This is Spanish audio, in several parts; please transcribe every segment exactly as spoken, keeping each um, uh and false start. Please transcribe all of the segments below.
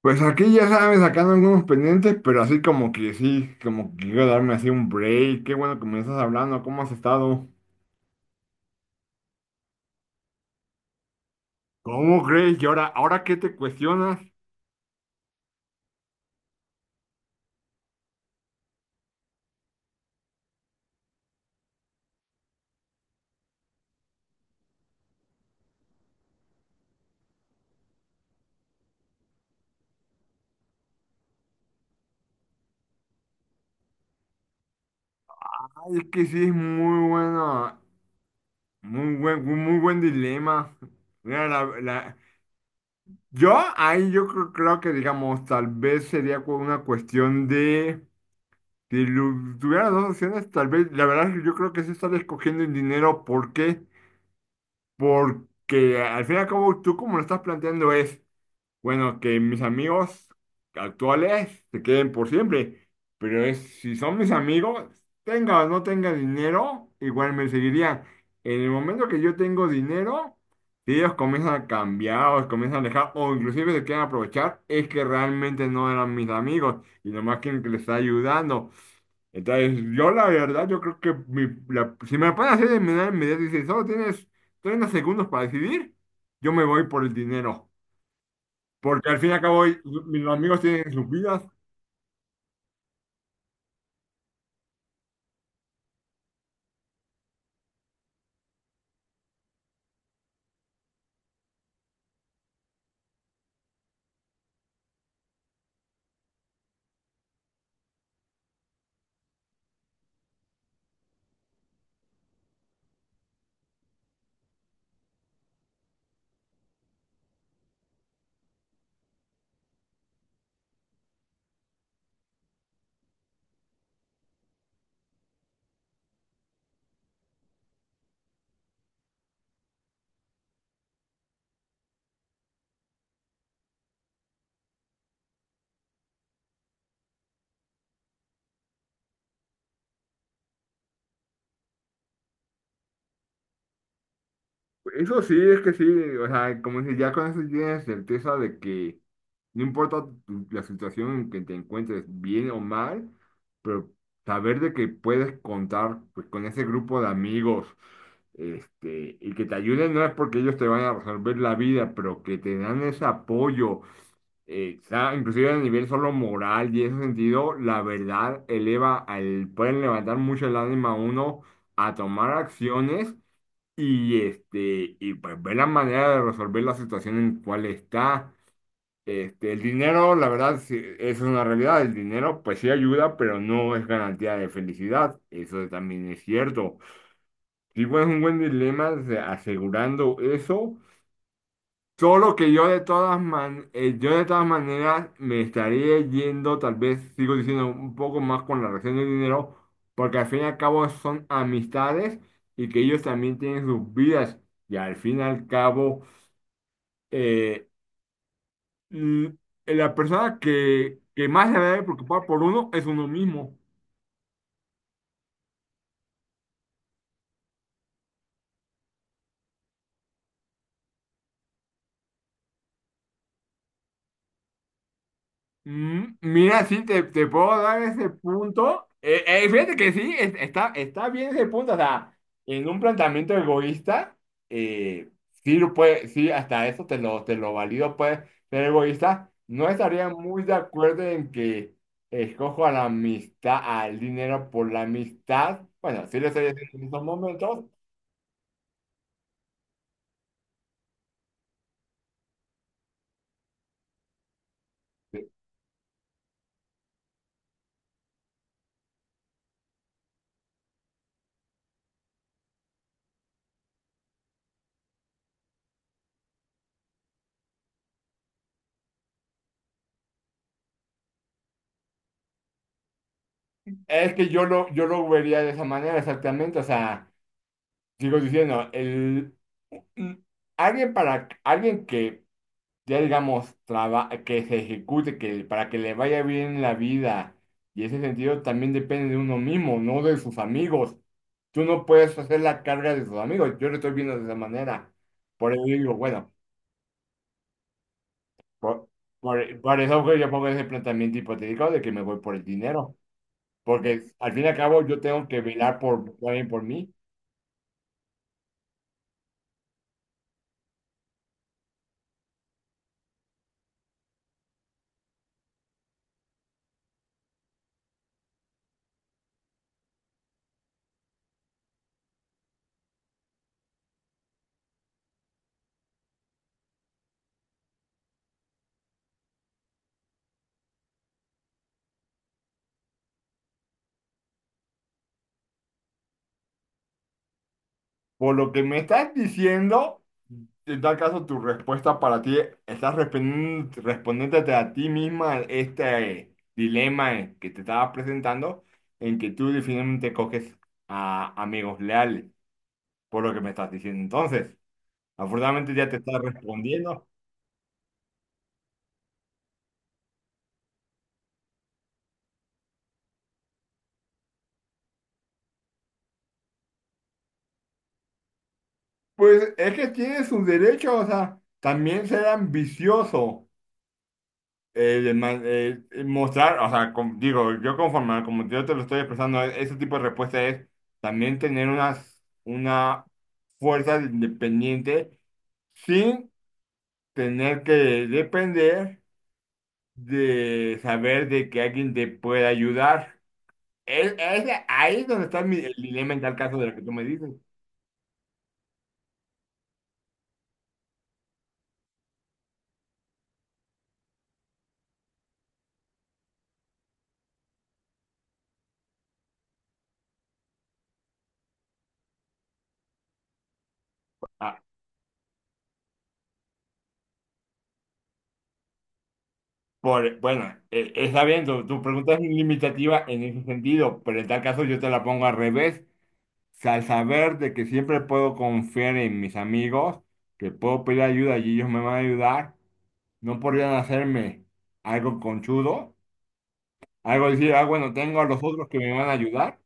Pues aquí ya sabes, sacando algunos pendientes, pero así como que sí, como que quiero darme así un break. Qué bueno que me estás hablando, ¿cómo has estado? ¿Cómo crees? ¿Y ahora, ahora qué te cuestionas? Ay, es que sí es muy bueno, muy buen, muy buen dilema. Mira, la, la- Yo ahí yo creo, creo que digamos, tal vez sería cu- una cuestión de, si lu- tuviera dos opciones, tal vez, la verdad es que yo creo que sí estás escogiendo el dinero, ¿por qué? Porque al fin y al cabo tú como lo estás planteando es... Bueno, que mis amigos actuales se queden por siempre, pero es, si son mis amigos, tenga o no tenga dinero, igual me seguirían. En el momento que yo tengo dinero, si ellos comienzan a cambiar o se comienzan a alejar o inclusive se quieren aprovechar, es que realmente no eran mis amigos y nomás quieren que les está ayudando. Entonces, yo la verdad, yo creo que mi- la- si me pueden hacer de manera inmediata y si solo tienes treinta segundos para decidir, yo me voy por el dinero. Porque al fin y al cabo, mis amigos tienen sus vidas. Eso sí, es que sí, o sea, como si ya con eso tienes certeza de que no importa tu- la situación en que te encuentres, bien o mal, pero saber de que puedes contar pues, con ese grupo de amigos, este, y que te ayuden no es porque ellos te van a resolver la vida, pero que te dan ese apoyo. Exacto, inclusive a nivel solo moral y en ese sentido, la verdad eleva al, pueden levantar mucho el ánimo a uno a tomar acciones y este, y pues ver la manera de resolver la situación en cual está. Este, el dinero, la verdad, sí, eso es una realidad. El dinero, pues sí ayuda, pero no es garantía de felicidad. Eso también es cierto. Sí, pues es un buen dilema o sea, asegurando eso. Solo que yo de todas man- eh, yo de todas maneras me estaría yendo, tal vez sigo diciendo un poco más con la relación del dinero, porque al fin y al cabo son amistades y que ellos también tienen sus vidas. Y al fin y al cabo, eh, mm, la persona que, que más se debe preocupar por uno es uno mismo. Mm, mira, sí, te, te puedo dar ese punto. Eh, eh, fíjate que sí, es- está, está bien ese punto. O sea, en un planteamiento egoísta, eh, sí, lo puede, sí, hasta eso te lo, te lo valido, puede ser egoísta. No estaría muy de acuerdo en que escojo a la amistad, al dinero por la amistad. Bueno, sí lo estoy haciendo en estos momentos. Es que yo lo, yo lo vería de esa manera exactamente. O sea, sigo diciendo, mm, alguien para alguien que ya digamos traba- que se ejecute, que para que le vaya bien la vida. Y ese sentido también depende de uno mismo, no de sus amigos. Tú no puedes hacer la carga de sus amigos. Yo lo estoy viendo de esa manera. Por eso digo, bueno, por, por, por eso que yo pongo ese planteamiento hipotético de que me voy por el dinero. Porque al fin y al cabo yo tengo que velar por, también por mí. Por lo que me estás diciendo, en tal caso tu respuesta para ti, estás respen- respondiéndote a ti misma este dilema eh, que te estaba presentando, en que tú definitivamente coges a amigos leales, por lo que me estás diciendo. Entonces, afortunadamente ya te estás respondiendo. Pues es que tiene sus derechos, o sea, también ser ambicioso. Eh, de ma- eh, eh, mostrar, o sea, com- digo, yo conforme, como yo te lo estoy expresando, e- ese tipo de respuesta es también tener unas, una fuerza independiente sin tener que depender de saber de que alguien te puede ayudar. Es, es ahí donde está mi, el dilema en tal caso de lo que tú me dices. Ah, por, bueno, eh, está bien, tu, tu pregunta es limitativa en ese sentido, pero en tal caso yo te la pongo al revés. Sea, al saber de que siempre puedo confiar en mis amigos, que puedo pedir ayuda y ellos me van a ayudar, no podrían hacerme algo conchudo, algo decir, ah, bueno, tengo a los otros que me van a ayudar.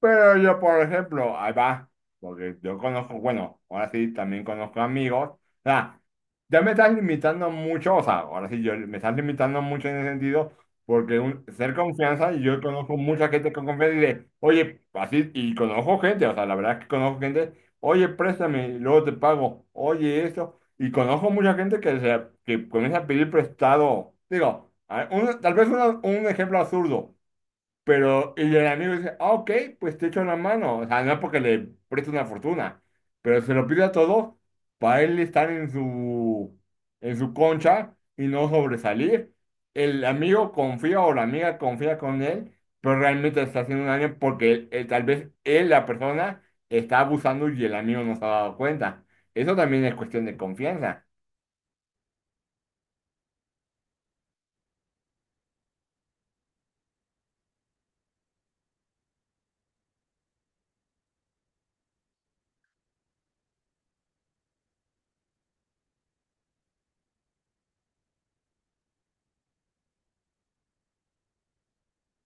Pero yo, por ejemplo, ahí va, porque yo conozco, bueno, ahora sí también conozco amigos. O sea, ya me estás limitando mucho, o sea, ahora sí yo me estás limitando mucho en ese sentido, porque un, ser confianza, y yo conozco mucha gente con confianza y de, oye, así, y conozco gente, o sea, la verdad es que conozco gente, oye, préstame, y luego te pago, oye, esto, y conozco mucha gente que, se, que comienza a pedir prestado. Digo, a- un- tal vez una- un ejemplo absurdo. Pero, y el amigo dice, ah, ok, pues te echo una mano. O sea, no porque le preste una fortuna, pero se lo pide a todos para él estar en su, en su concha y no sobresalir. El amigo confía o la amiga confía con él, pero realmente está haciendo un daño porque eh, tal vez él, la persona, está abusando y el amigo no se ha dado cuenta. Eso también es cuestión de confianza.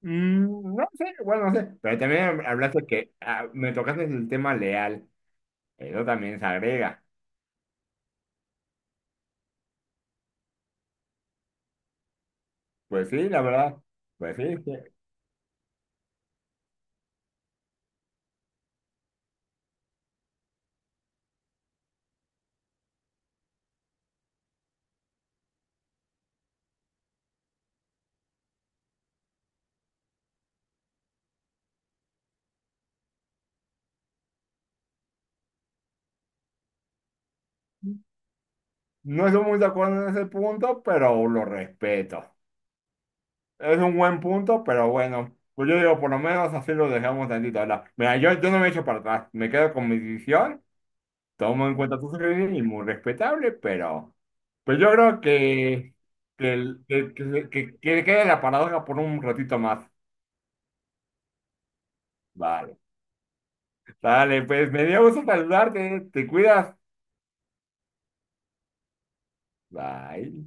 Mm, no sé, bueno, no sé, pero también hablaste que ah, me tocaste el tema leal. Eso también se agrega. Pues sí, la verdad. Pues sí, sí. No estoy muy de acuerdo en ese punto, pero lo respeto. Es un buen punto, pero bueno. Pues yo digo, por lo menos así lo dejamos tantito, ¿verdad? Mira, yo, yo no me echo para atrás. Me quedo con mi decisión. Tomo en cuenta tu sugerencia y muy respetable, pero... Pues yo creo que... Que, el- que, que, que- que quede la paradoja por un ratito más. Vale. Dale, pues me dio gusto saludarte. Te cuidas. Bye.